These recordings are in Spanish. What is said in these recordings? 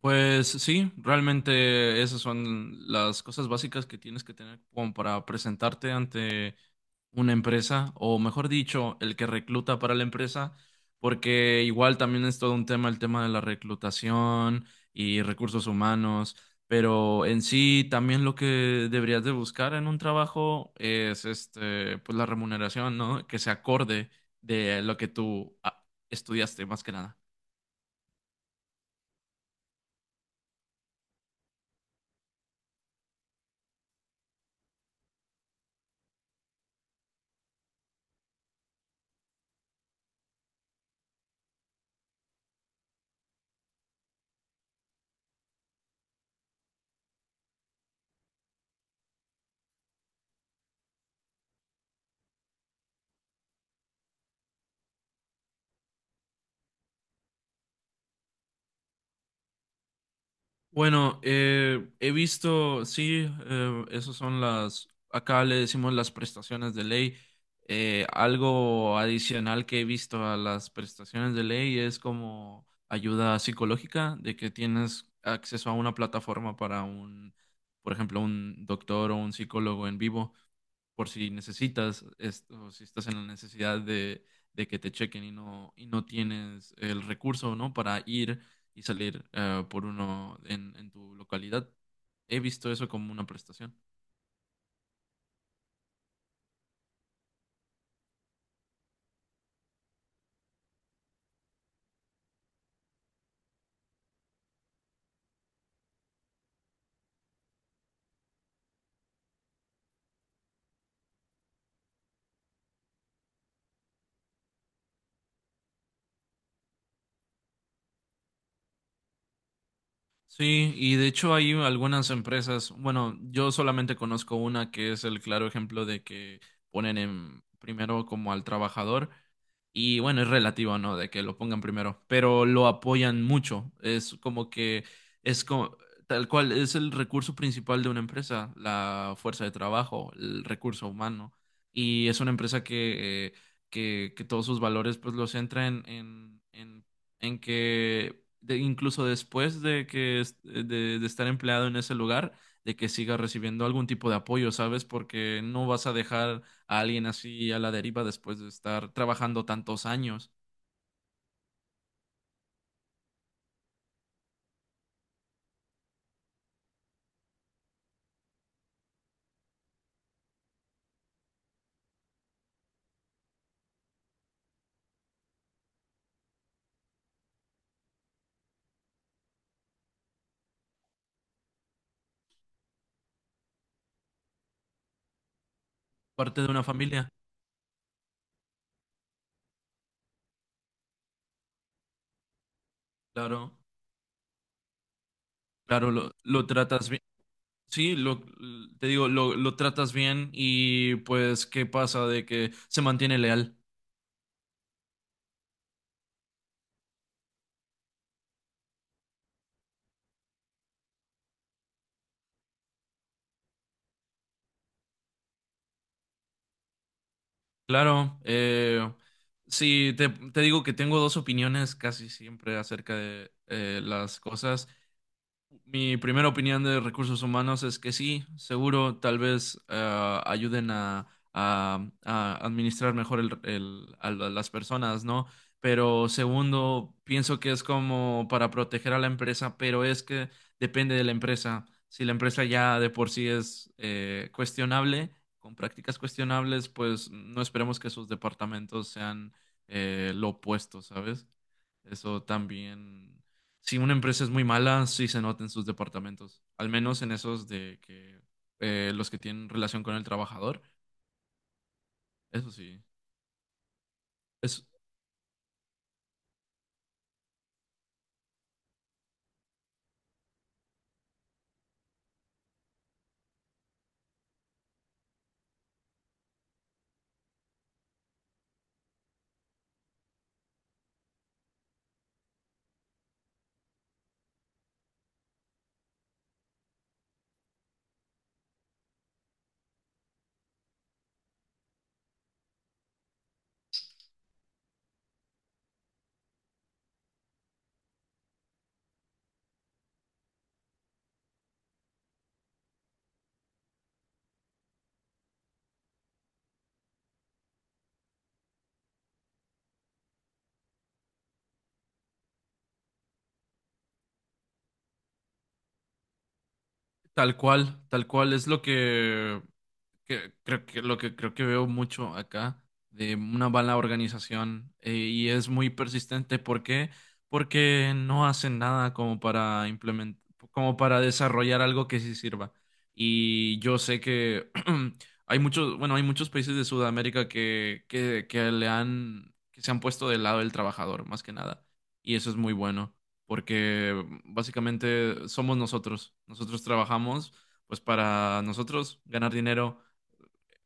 Pues sí, realmente esas son las cosas básicas que tienes que tener como para presentarte ante una empresa, o mejor dicho, el que recluta para la empresa, porque igual también es todo un tema el tema de la reclutación y recursos humanos, pero en sí también lo que deberías de buscar en un trabajo es este, pues la remuneración, ¿no? Que se acorde de lo que tú estudiaste más que nada. Bueno, he visto, sí, esas son las, acá le decimos las prestaciones de ley. Algo adicional que he visto a las prestaciones de ley es como ayuda psicológica, de que tienes acceso a una plataforma para un, por ejemplo, un doctor o un psicólogo en vivo por si necesitas esto, si estás en la necesidad de que te chequen y y no tienes el recurso, ¿no? Para ir y salir por uno en tu localidad. He visto eso como una prestación. Sí, y de hecho hay algunas empresas, bueno, yo solamente conozco una que es el claro ejemplo de que ponen en primero como al trabajador. Y bueno, es relativo, ¿no? De que lo pongan primero, pero lo apoyan mucho. Es como que es como, tal cual, es el recurso principal de una empresa, la fuerza de trabajo, el recurso humano. Y es una empresa que todos sus valores pues los centra en que incluso después de que de estar empleado en ese lugar, de que siga recibiendo algún tipo de apoyo, ¿sabes? Porque no vas a dejar a alguien así a la deriva después de estar trabajando tantos años, parte de una familia. Claro, claro, lo tratas bien. Sí, lo, Te digo, lo tratas bien y pues, ¿qué pasa de que se mantiene leal? Claro, sí, te digo que tengo dos opiniones casi siempre acerca de las cosas. Mi primera opinión de recursos humanos es que sí, seguro, tal vez ayuden a administrar mejor las personas, ¿no? Pero segundo, pienso que es como para proteger a la empresa, pero es que depende de la empresa. Si la empresa ya de por sí es cuestionable, con prácticas cuestionables, pues no esperemos que sus departamentos sean lo opuesto, ¿sabes? Eso también. Si una empresa es muy mala, sí se nota en sus departamentos. Al menos en esos de que los que tienen relación con el trabajador. Eso sí. Es tal cual, tal cual. Es lo que creo que lo que creo que veo mucho acá de una mala organización y es muy persistente. ¿Por qué? Porque no hacen nada como para implementar, como para desarrollar algo que sí sirva. Y yo sé que hay muchos, bueno, hay muchos países de Sudamérica que le han, que se han puesto del lado del trabajador, más que nada. Y eso es muy bueno, porque básicamente somos nosotros. Nosotros trabajamos pues para nosotros ganar dinero,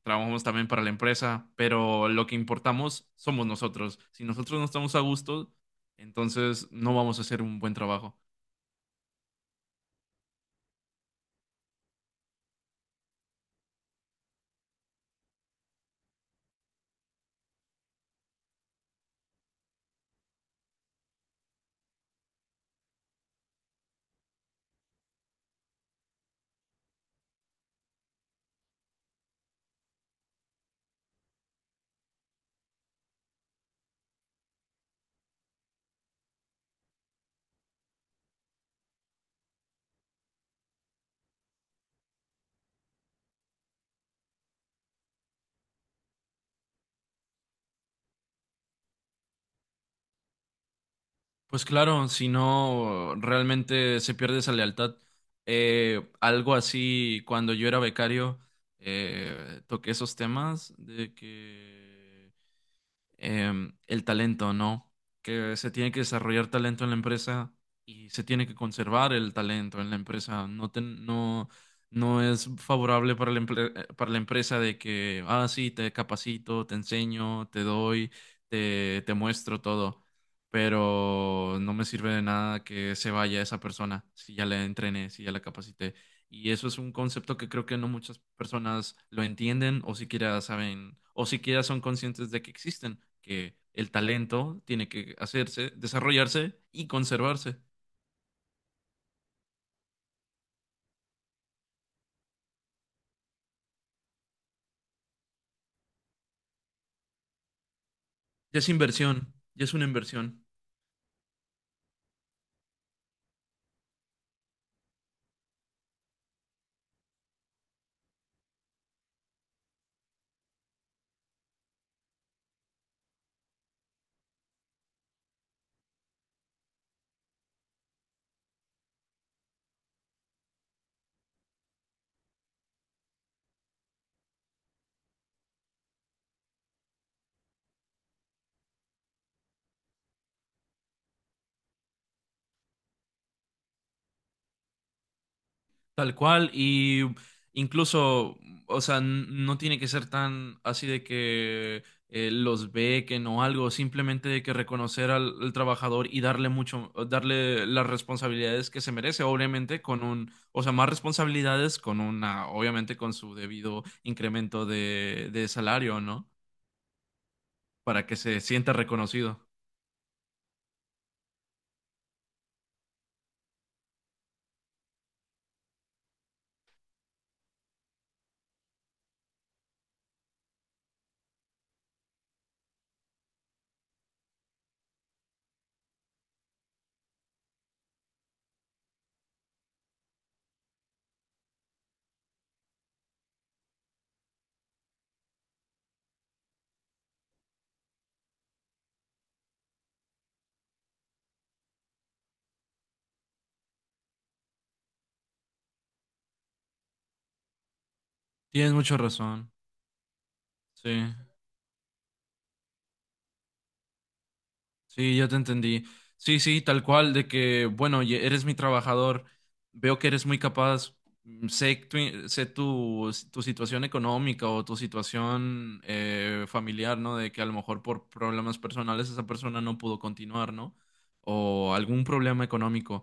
trabajamos también para la empresa, pero lo que importamos somos nosotros. Si nosotros no estamos a gusto, entonces no vamos a hacer un buen trabajo. Pues claro, si no, realmente se pierde esa lealtad. Algo así, cuando yo era becario, toqué esos temas de que el talento, ¿no? Que se tiene que desarrollar talento en la empresa y se tiene que conservar el talento en la empresa. No es favorable para para la empresa de que, ah, sí, te capacito, te enseño, te doy, te muestro todo, pero no me sirve de nada que se vaya esa persona si ya la entrené, si ya la capacité. Y eso es un concepto que creo que no muchas personas lo entienden o siquiera saben o siquiera son conscientes de que existen, que el talento tiene que hacerse, desarrollarse y conservarse. Ya es inversión, ya es una inversión. Tal cual, y incluso, o sea, no tiene que ser tan así de que los bequen o algo, simplemente de que reconocer al trabajador y darle mucho, darle las responsabilidades que se merece, obviamente con un, o sea, más responsabilidades con una, obviamente con su debido incremento de salario, ¿no? Para que se sienta reconocido. Tienes mucha razón, sí. Sí, ya te entendí. Sí, sí, tal cual, de que, bueno, eres mi trabajador, veo que eres muy capaz, mm, sé tu situación económica o tu situación familiar, ¿no? De que a lo mejor por problemas personales esa persona no pudo continuar, ¿no? O algún problema económico.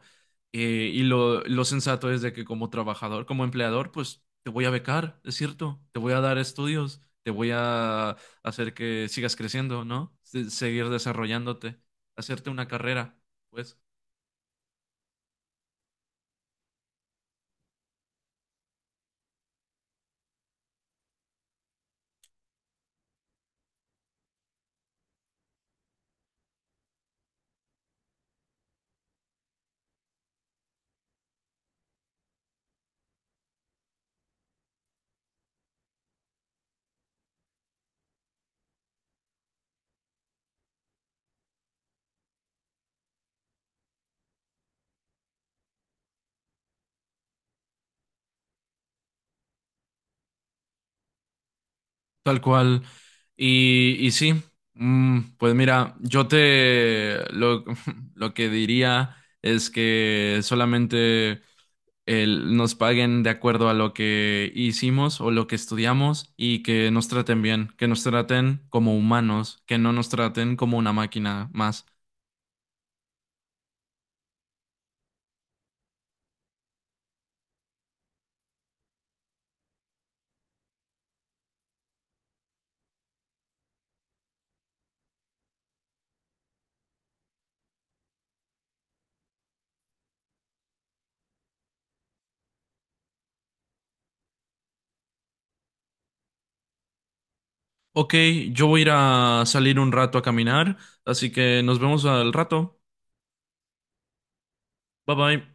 Lo sensato es de que como trabajador, como empleador, pues te voy a becar, es cierto, te voy a dar estudios, te voy a hacer que sigas creciendo, ¿no? Seguir desarrollándote, hacerte una carrera, pues, tal cual. Y sí, mm, pues mira, lo que diría es que solamente nos paguen de acuerdo a lo que hicimos o lo que estudiamos y que nos traten bien, que nos traten como humanos, que no nos traten como una máquina más. Ok, yo voy a ir a salir un rato a caminar, así que nos vemos al rato. Bye bye.